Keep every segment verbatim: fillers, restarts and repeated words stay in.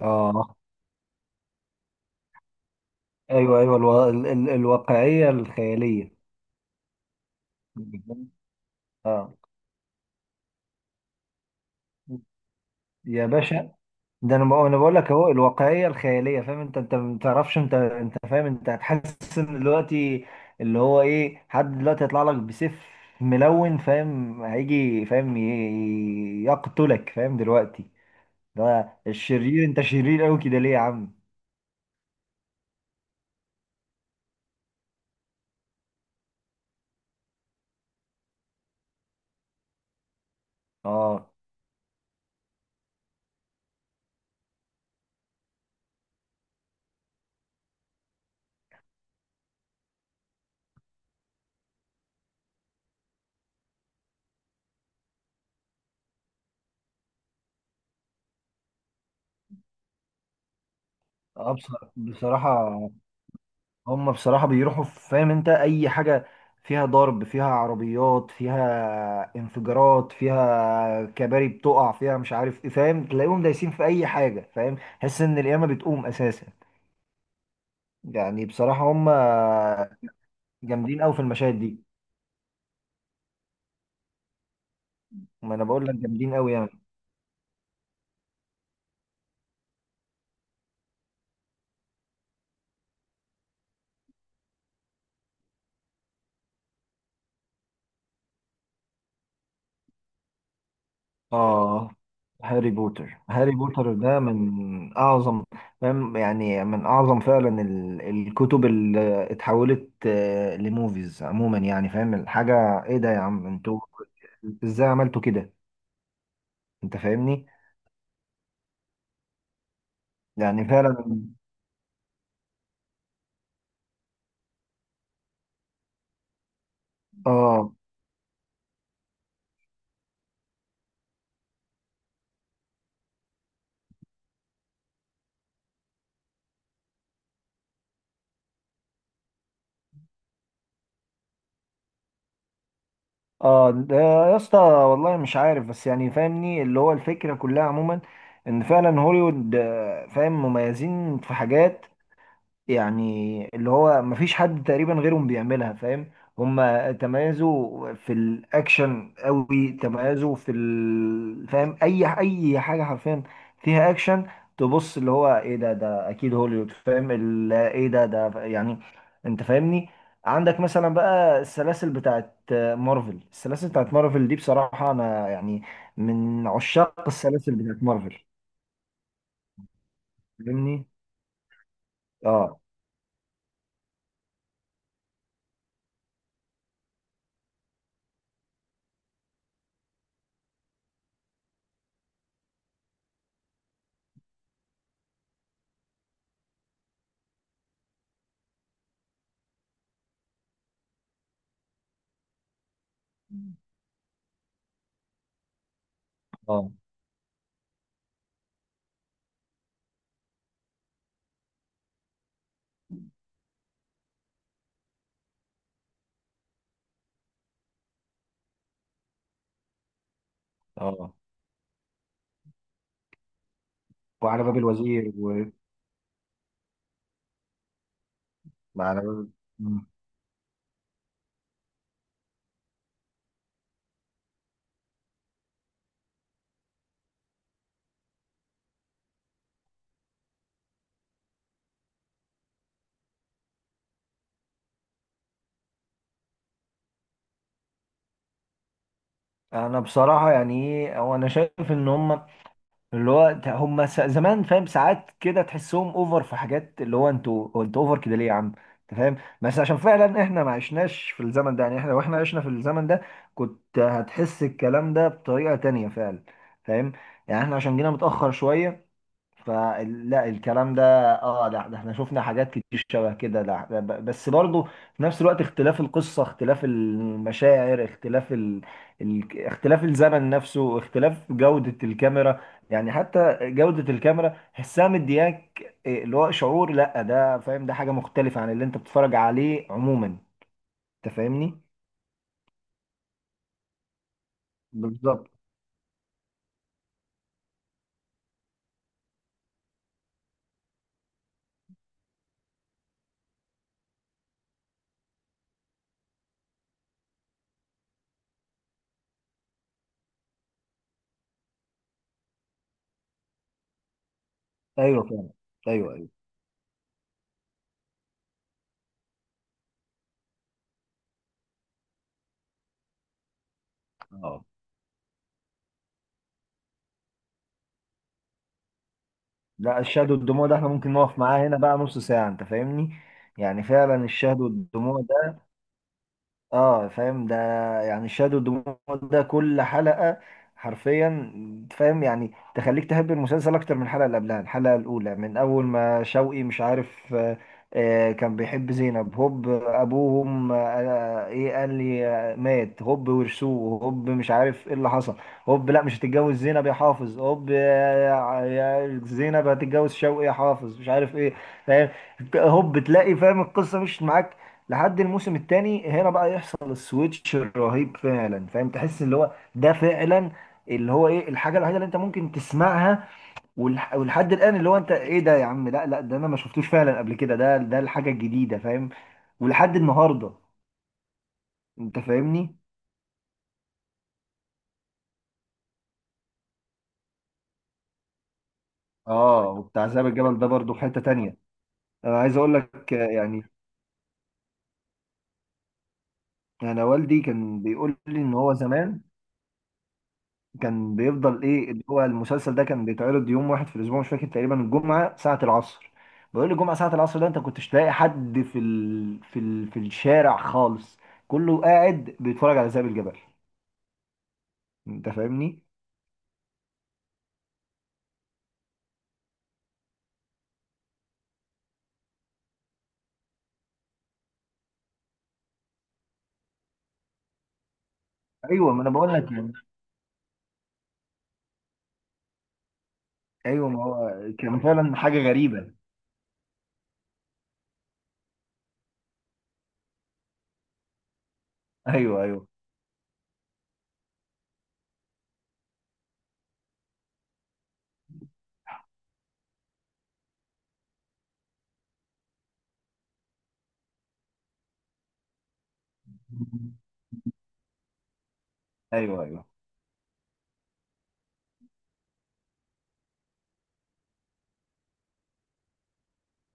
اه، ايوه ايوه. الو... ال... ال... الواقعيه الخياليه. اه يا باشا، ده انا بقول انا بقول لك اهو الواقعيه الخياليه. فاهم انت انت ما تعرفش، انت انت فاهم، انت هتحس ان دلوقتي اللي هو ايه حد دلوقتي هيطلع لك بسيف ملون، فاهم، هيجي فاهم ي- يقتلك، فاهم، دلوقتي ده الشرير. انت شرير قوي كده ليه يا عم؟ اه اه. بص- بصراحه، هم بصراحة بيروحوا في- فاهم انت اي حاجة فيها ضرب، فيها عربيات، فيها انفجارات، فيها كباري بتقع، فيها مش عارف ايه، فاهم، تلاقيهم دايسين في اي حاجة، فاهم، تحس ان القيامة بتقوم اساسا. يعني بصراحة هم جامدين قوي في المشاهد دي. ما انا بقول لك جامدين قوي يعني. آه، هاري بوتر، هاري بوتر ده من أعظم، فاهم، يعني من أعظم فعلا ال- الكتب اللي اتحولت آه، لموفيز عموما، يعني فاهم الحاجة؟ إيه ده يا عم أنتوا، إزاي عملتوا كده؟ أنت فاهمني، يعني فعلا. آه آه، ده يا اسطى والله مش عارف، بس يعني فاهمني اللي هو الفكرة كلها عموما، إن فعلا هوليوود، آه، فاهم مميزين في حاجات. يعني اللي هو مفيش حد تقريبا غيرهم بيعملها، فاهم. هما تميزوا في الاكشن قوي، تميزوا في ال... فاهم، اي اي حاجه حرفيا فيها اكشن. تبص اللي هو ايه، ده ده اكيد هوليوود، فاهم ال... ايه ده ده يعني. انت فاهمني. عندك مثلا بقى السلاسل بتاعت مارفل، السلاسل بتاعت مارفل دي بصراحه، انا يعني من عشاق السلاسل بتاعت مارفل، فاهمني. اه اه اه، وعلى باب الوزير. ما انا مم. انا بصراحه، يعني ايه هو، انا شايف ان هم اللي هو ت- هم س- زمان، فاهم، ساعات كده تحسهم اوفر في حاجات، اللي هو انتوا، هو انتوا اوفر كده ليه يا عم؟ انت فاهم. بس عشان فعلا احنا ما عشناش في الزمن ده، يعني احنا واحنا عشنا في الزمن ده كنت هتحس الكلام ده بطريقه تانية فعلا، فاهم، يعني احنا عشان جينا متاخر شويه فلا الكلام ده. اه، لا، ده احنا شفنا حاجات كتير شبه كده، لا ده ب- بس برضه في نفس الوقت اختلاف القصة، اختلاف المشاعر، اختلاف ال... ال... اختلاف الزمن نفسه، اختلاف جودة الكاميرا. يعني حتى جودة الكاميرا حسها مدياك إيه، اللي هو شعور، لا ده فاهم ده حاجة مختلفة عن اللي انت بتتفرج عليه عموما. انت فاهمني؟ بالظبط. ايوه فاهم. ايوه ايوه. اه، لا، الشهد والدموع ده احنا ممكن نقف معاه هنا بقى نص ساعة. انت فاهمني؟ يعني فعلا الشهد والدموع، اه فاهم ده. يعني شادو دموع ده كل حلقة حرفيا، فاهم، يعني تخليك تحب المسلسل اكتر من الحلقة اللي قبلها. الحلقة الاولى من اول ما شوقي مش عارف، آه آه، كان بيحب زينب. هوب، ابوهم، آه آه، ايه قال لي، آه، مات. هوب، ورثوه. هوب، مش عارف ايه اللي حصل. هوب، لا مش هتتجوز زينب يا حافظ. هوب، يا يا زينب هتتجوز شوقي يا حافظ، مش عارف ايه، فاهم. هوب، تلاقي فاهم القصة مش معاك. لحد الموسم الثاني هنا بقى يحصل السويتش الرهيب فعلا، فاهم، تحس اللي هو ده فعلا اللي هو ايه الحاجه الوحيده اللي انت ممكن تسمعها. والح- ولحد الان اللي هو انت ايه ده يا عم؟ لا لا، ده انا ما شفتوش فعلا قبل كده، ده ده الحاجه الجديده فاهم، ولحد النهارده. انت فاهمني؟ اه، وبتاع ذئب الجبل ده برضو في حته تانيه. انا عايز اقول لك آه، يعني انا والدي كان بيقول لي ان هو زمان كان بيفضل ايه اللي هو المسلسل ده كان بيتعرض يوم واحد في الاسبوع، مش فاكر تقريبا الجمعه ساعه العصر. بقول لي الجمعه ساعه العصر ده انت كنتش تلاقي حد في ال... في ال... في الشارع خالص، كله قاعد بيتفرج على ذئب الجبل. انت فاهمني. ايوه، ما انا بقول لك يعني. ايوه، ما هو كان فعلا حاجه غريبه. ايوه ايوه ايوه ايوه.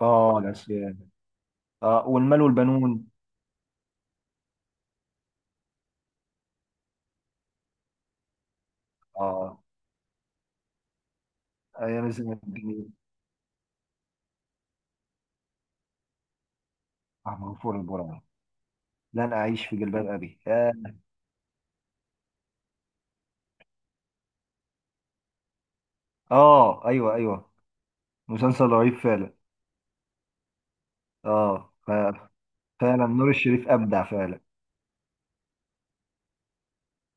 اه، العصيان. اه، والمال والبنون. اه، ايام الزمن الجميل. آه، غفور البرع. لن اعيش في جلباب ابي. اه. آه، ايوه ايوه. مسلسل رهيب فعلا. اه. ف- فعلا نور الشريف ابدع فعلا،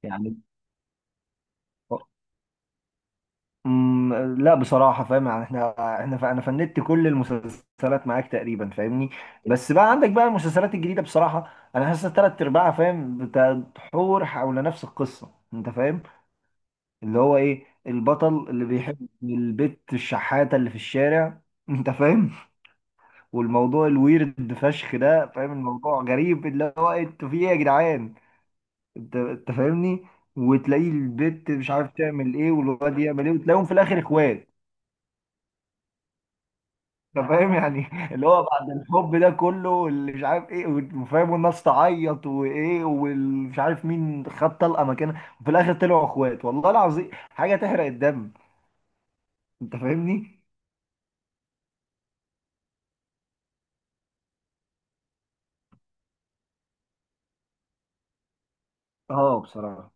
يعني. أمم، لا بصراحه فاهم، يعني احنا، احنا ف- انا فندت كل المسلسلات معاك تقريبا، فاهمني. بس بقى عندك بقى المسلسلات الجديده بصراحه، انا حاسس ثلاث ارباعها فاهم بتدور حول نفس القصه. انت فاهم؟ اللي هو ايه البطل اللي بيحب البت الشحاته اللي في الشارع انت فاهم؟ والموضوع الويرد فشخ ده، فاهم، الموضوع غريب، اللي هو إيه، انتوا في ايه يا جدعان؟ انت انت فاهمني؟ وتلاقيه البت مش عارف تعمل ايه، والواد يعمل ايه، وتلاقيهم في الاخر اخوات. انت فاهم، يعني. اللي هو بعد الحب ده كله، اللي مش عارف ايه، وفاهم، والناس تعيط، وايه، ومش عارف مين خد طلقه مكانها، وفي الاخر طلعوا اخوات، والله العظيم حاجه تحرق الدم. انت فاهمني. اه، بصراحه،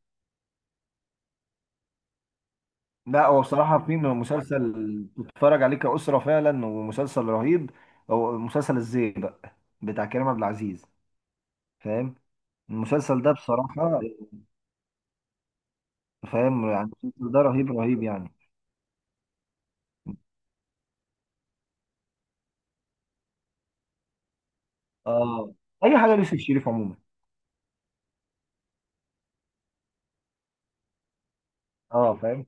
لا هو بصراحه في مسلسل تتفرج عليه كأسرة فعلا، ومسلسل رهيب، هو مسلسل الزيبق بتاع كريم عبد العزيز، فاهم. المسلسل ده بصراحة فاهم، يعني المسلسل ده رهيب رهيب يعني. اه، اي حاجه ليوسف الشريف عموما. اه فاهم.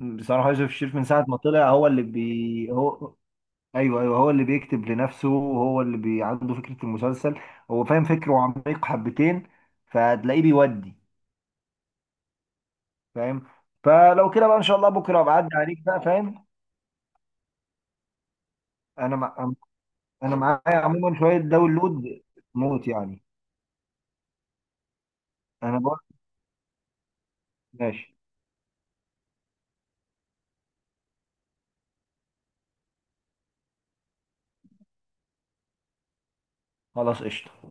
بصراحه يوسف الشريف من ساعه ما طلع هو اللي بي هو ايوه ايوه، هو اللي بيكتب لنفسه، هو اللي بي... عنده فكره المسلسل، هو فاهم فكره عميق حبتين، فتلاقيه بيودي، فاهم. فلو كده بقى ان شاء الله بكره بعدي عليك بقى فاهم. انا مع... انا معايا عموما شويه داونلود موت، يعني. انا بقول ماشي. خلاص قشطه.